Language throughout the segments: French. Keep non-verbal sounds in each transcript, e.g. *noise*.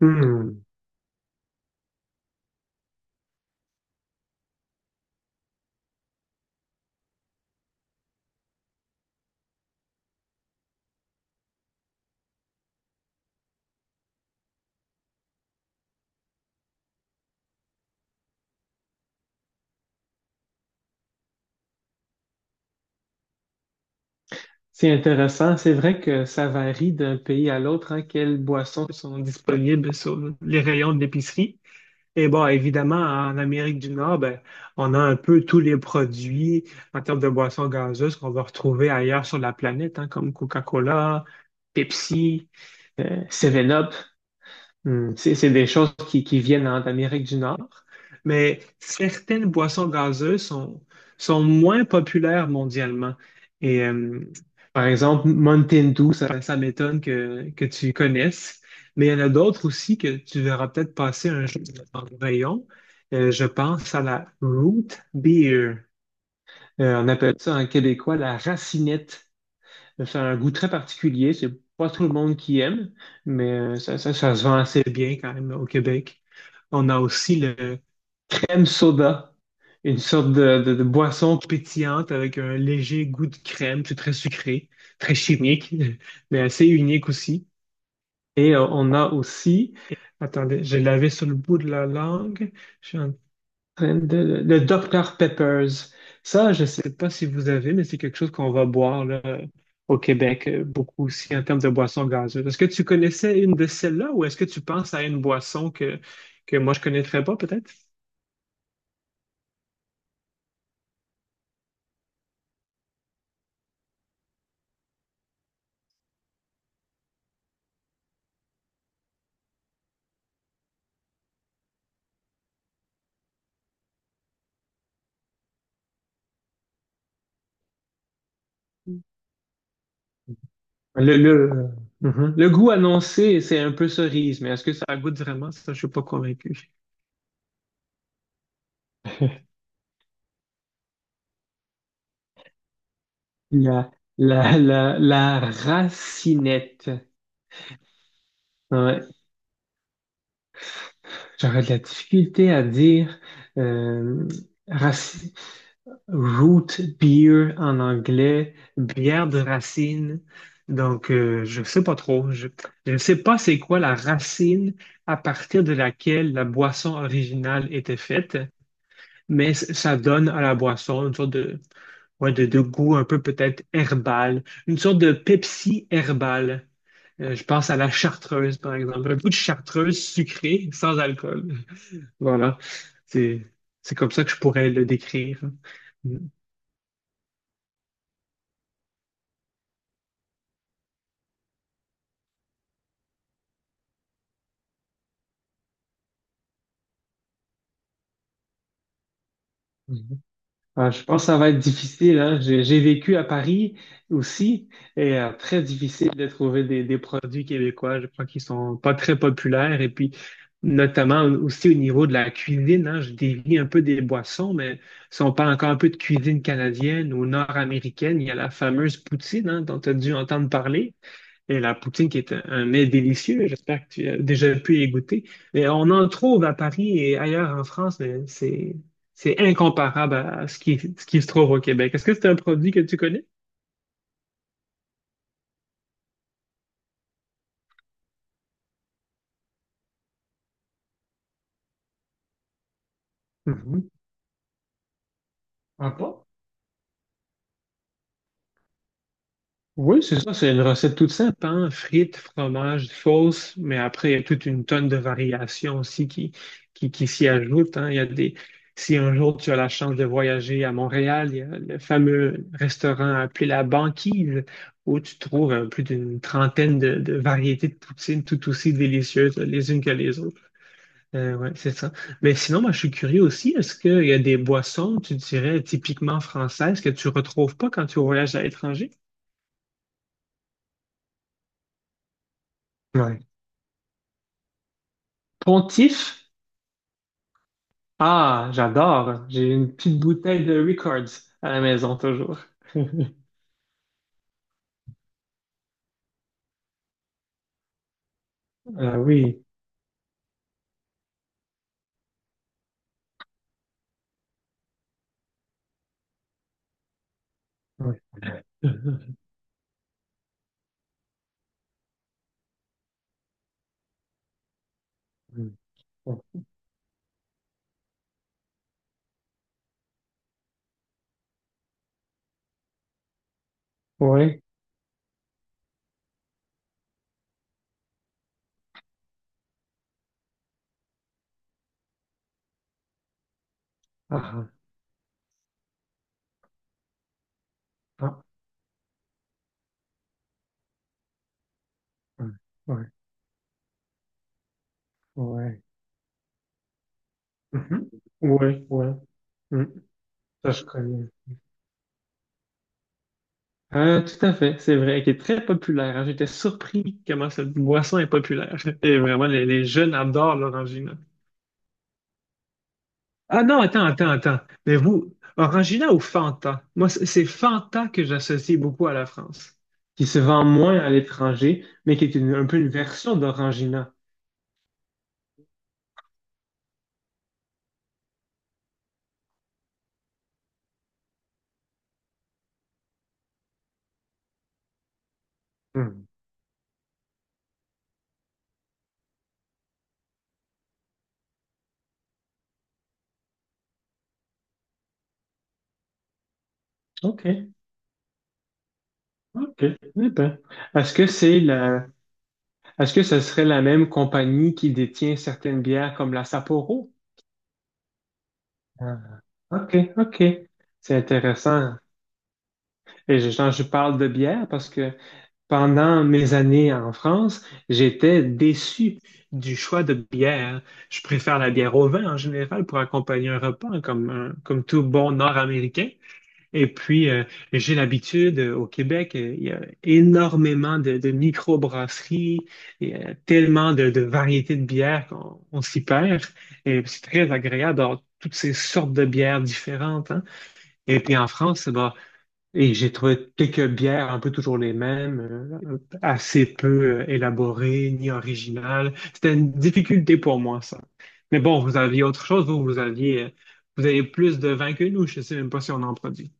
Hmm. C'est intéressant. C'est vrai que ça varie d'un pays à l'autre, hein, quelles boissons sont disponibles sur les rayons de l'épicerie. Et bon, évidemment, en Amérique du Nord, ben, on a un peu tous les produits en termes de boissons gazeuses qu'on va retrouver ailleurs sur la planète, hein, comme Coca-Cola, Pepsi, 7-Up. Hmm. C'est des choses qui viennent, hein, d'Amérique du Nord, mais certaines boissons gazeuses sont, sont moins populaires mondialement. Et euh, Par exemple, Mountain Dew, ça m'étonne que tu connaisses, mais il y en a d'autres aussi que tu verras peut-être passer un jour dans le rayon. Je pense à la root beer. On appelle ça en québécois la racinette. C'est un goût très particulier. C'est pas tout le monde qui aime, mais ça, ça, ça se vend assez bien quand même au Québec. On a aussi le crème soda, une sorte de boisson pétillante avec un léger goût de crème. C'est très sucré, très chimique, *laughs* mais assez unique aussi. On a aussi, attendez, je l'avais sur le bout de la langue. Le Dr Peppers. Ça, je sais pas si vous avez, mais c'est quelque chose qu'on va boire là, au Québec, beaucoup aussi en termes de boissons gazeuses. Est-ce que tu connaissais une de celles-là ou est-ce que tu penses à une boisson que moi je connaîtrais pas peut-être? Le, mhm. Le goût annoncé, c'est un peu cerise, mais est-ce que ça goûte vraiment? Ça, je suis pas convaincu. *laughs* La, la racinette. Ouais. J'aurais de la difficulté à dire euh, raci-. Root beer en anglais, bière de racine. Donc, je sais pas trop. Je ne sais pas c'est quoi la racine à partir de laquelle la boisson originale était faite, mais ça donne à la boisson une sorte de, ouais, de goût un peu peut-être herbal, une sorte de Pepsi herbal. Je pense à la chartreuse, par exemple. Un peu de chartreuse sucrée sans alcool. *laughs* Voilà. C'est, c'est comme ça que je pourrais le décrire. Mm. Mhm. Ah, je pense que ça va être difficile, hein. J'ai vécu à Paris aussi et très difficile de trouver des produits québécois. Je crois qu'ils sont pas très populaires et puis notamment aussi au niveau de la cuisine, hein. Je dévie un peu des boissons, mais si on parle encore un peu de cuisine canadienne ou nord-américaine, il y a la fameuse poutine, hein, dont tu as dû entendre parler. Et la poutine qui est un mets délicieux, j'espère que tu as déjà pu y goûter. Mais on en trouve à Paris et ailleurs en France, mais c'est incomparable à ce qui se trouve au Québec. Est-ce que c'est un produit que tu connais? Mhm. Ah pas. Oui, c'est ça, c'est une recette toute simple, hein? Frites, fromage, sauce, mais après, il y a toute une tonne de variations aussi qui, qui s'y ajoutent, hein. Il y a des... Si un jour tu as la chance de voyager à Montréal, il y a le fameux restaurant appelé La Banquise, où tu trouves plus d'une trentaine de variétés de poutines tout aussi délicieuses les unes que les autres. Ouais, c'est ça. Mais sinon, moi, je suis curieux aussi, est-ce qu'il y a des boissons, tu dirais, typiquement françaises que tu retrouves pas quand tu voyages à l'étranger? Ouais. Pontif? Ah, j'adore. J'ai une petite bouteille de Records à la maison toujours. *laughs* Ah oui. Oui. Oui. *laughs* Ah, ah, ah, oui. Oui. Mhm. Oui, oui. Mm. Ça, je connais. Tout à fait, c'est vrai, qui est très populaire, hein. J'étais surpris comment cette boisson est populaire. *laughs* Et vraiment, les jeunes adorent l'orangina. Ah non, attends, attends, attends. Mais vous, Orangina ou Fanta? Moi, c'est Fanta que j'associe beaucoup à la France, qui se vend moins à l'étranger, mais qui est un peu une version d'Orangina. Hmm. OK. OK. Eh ben, est-ce que c'est la, est-ce que ce serait la même compagnie qui détient certaines bières comme la Sapporo? Ah, OK, OK. C'est intéressant. Et je, quand je parle de bière parce que pendant mes années en France, j'étais déçu du choix de bière. Je préfère la bière au vin en général pour accompagner un repas comme, comme tout bon Nord-Américain. Et puis, j'ai l'habitude au Québec, il y a énormément de microbrasseries, il y a tellement de variétés de bières qu'on on s'y perd. Et c'est très agréable d'avoir toutes ces sortes de bières différentes, hein. Et puis en France, bah, et j'ai trouvé quelques bières un peu toujours les mêmes, assez peu élaborées ni originales. C'était une difficulté pour moi, ça. Mais bon, vous aviez autre chose, vous, vous aviez, vous avez plus de vin que nous, je sais même pas si on en produit.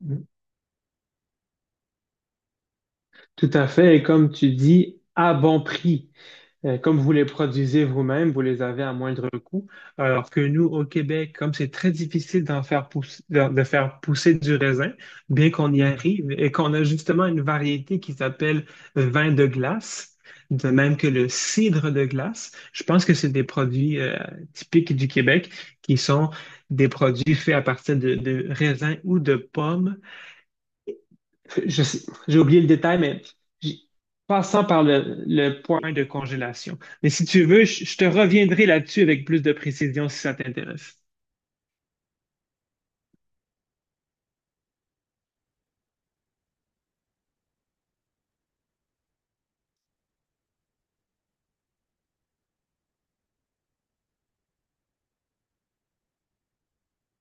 Mhm. Tout à fait, et comme tu dis, à bon prix. Comme vous les produisez vous-même, vous les avez à moindre coût. Alors que nous, au Québec, comme c'est très difficile d'en faire pousser, de faire pousser du raisin, bien qu'on y arrive et qu'on a justement une variété qui s'appelle vin de glace, de même que le cidre de glace, je pense que c'est des produits typiques du Québec qui sont des produits faits à partir de raisins ou de pommes, je sais- j'ai oublié le détail, mais j- passant par le point de congélation. Mais si tu veux, je te reviendrai là-dessus avec plus de précision si ça t'intéresse.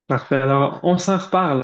Parfait. Alors, on s'en reparle.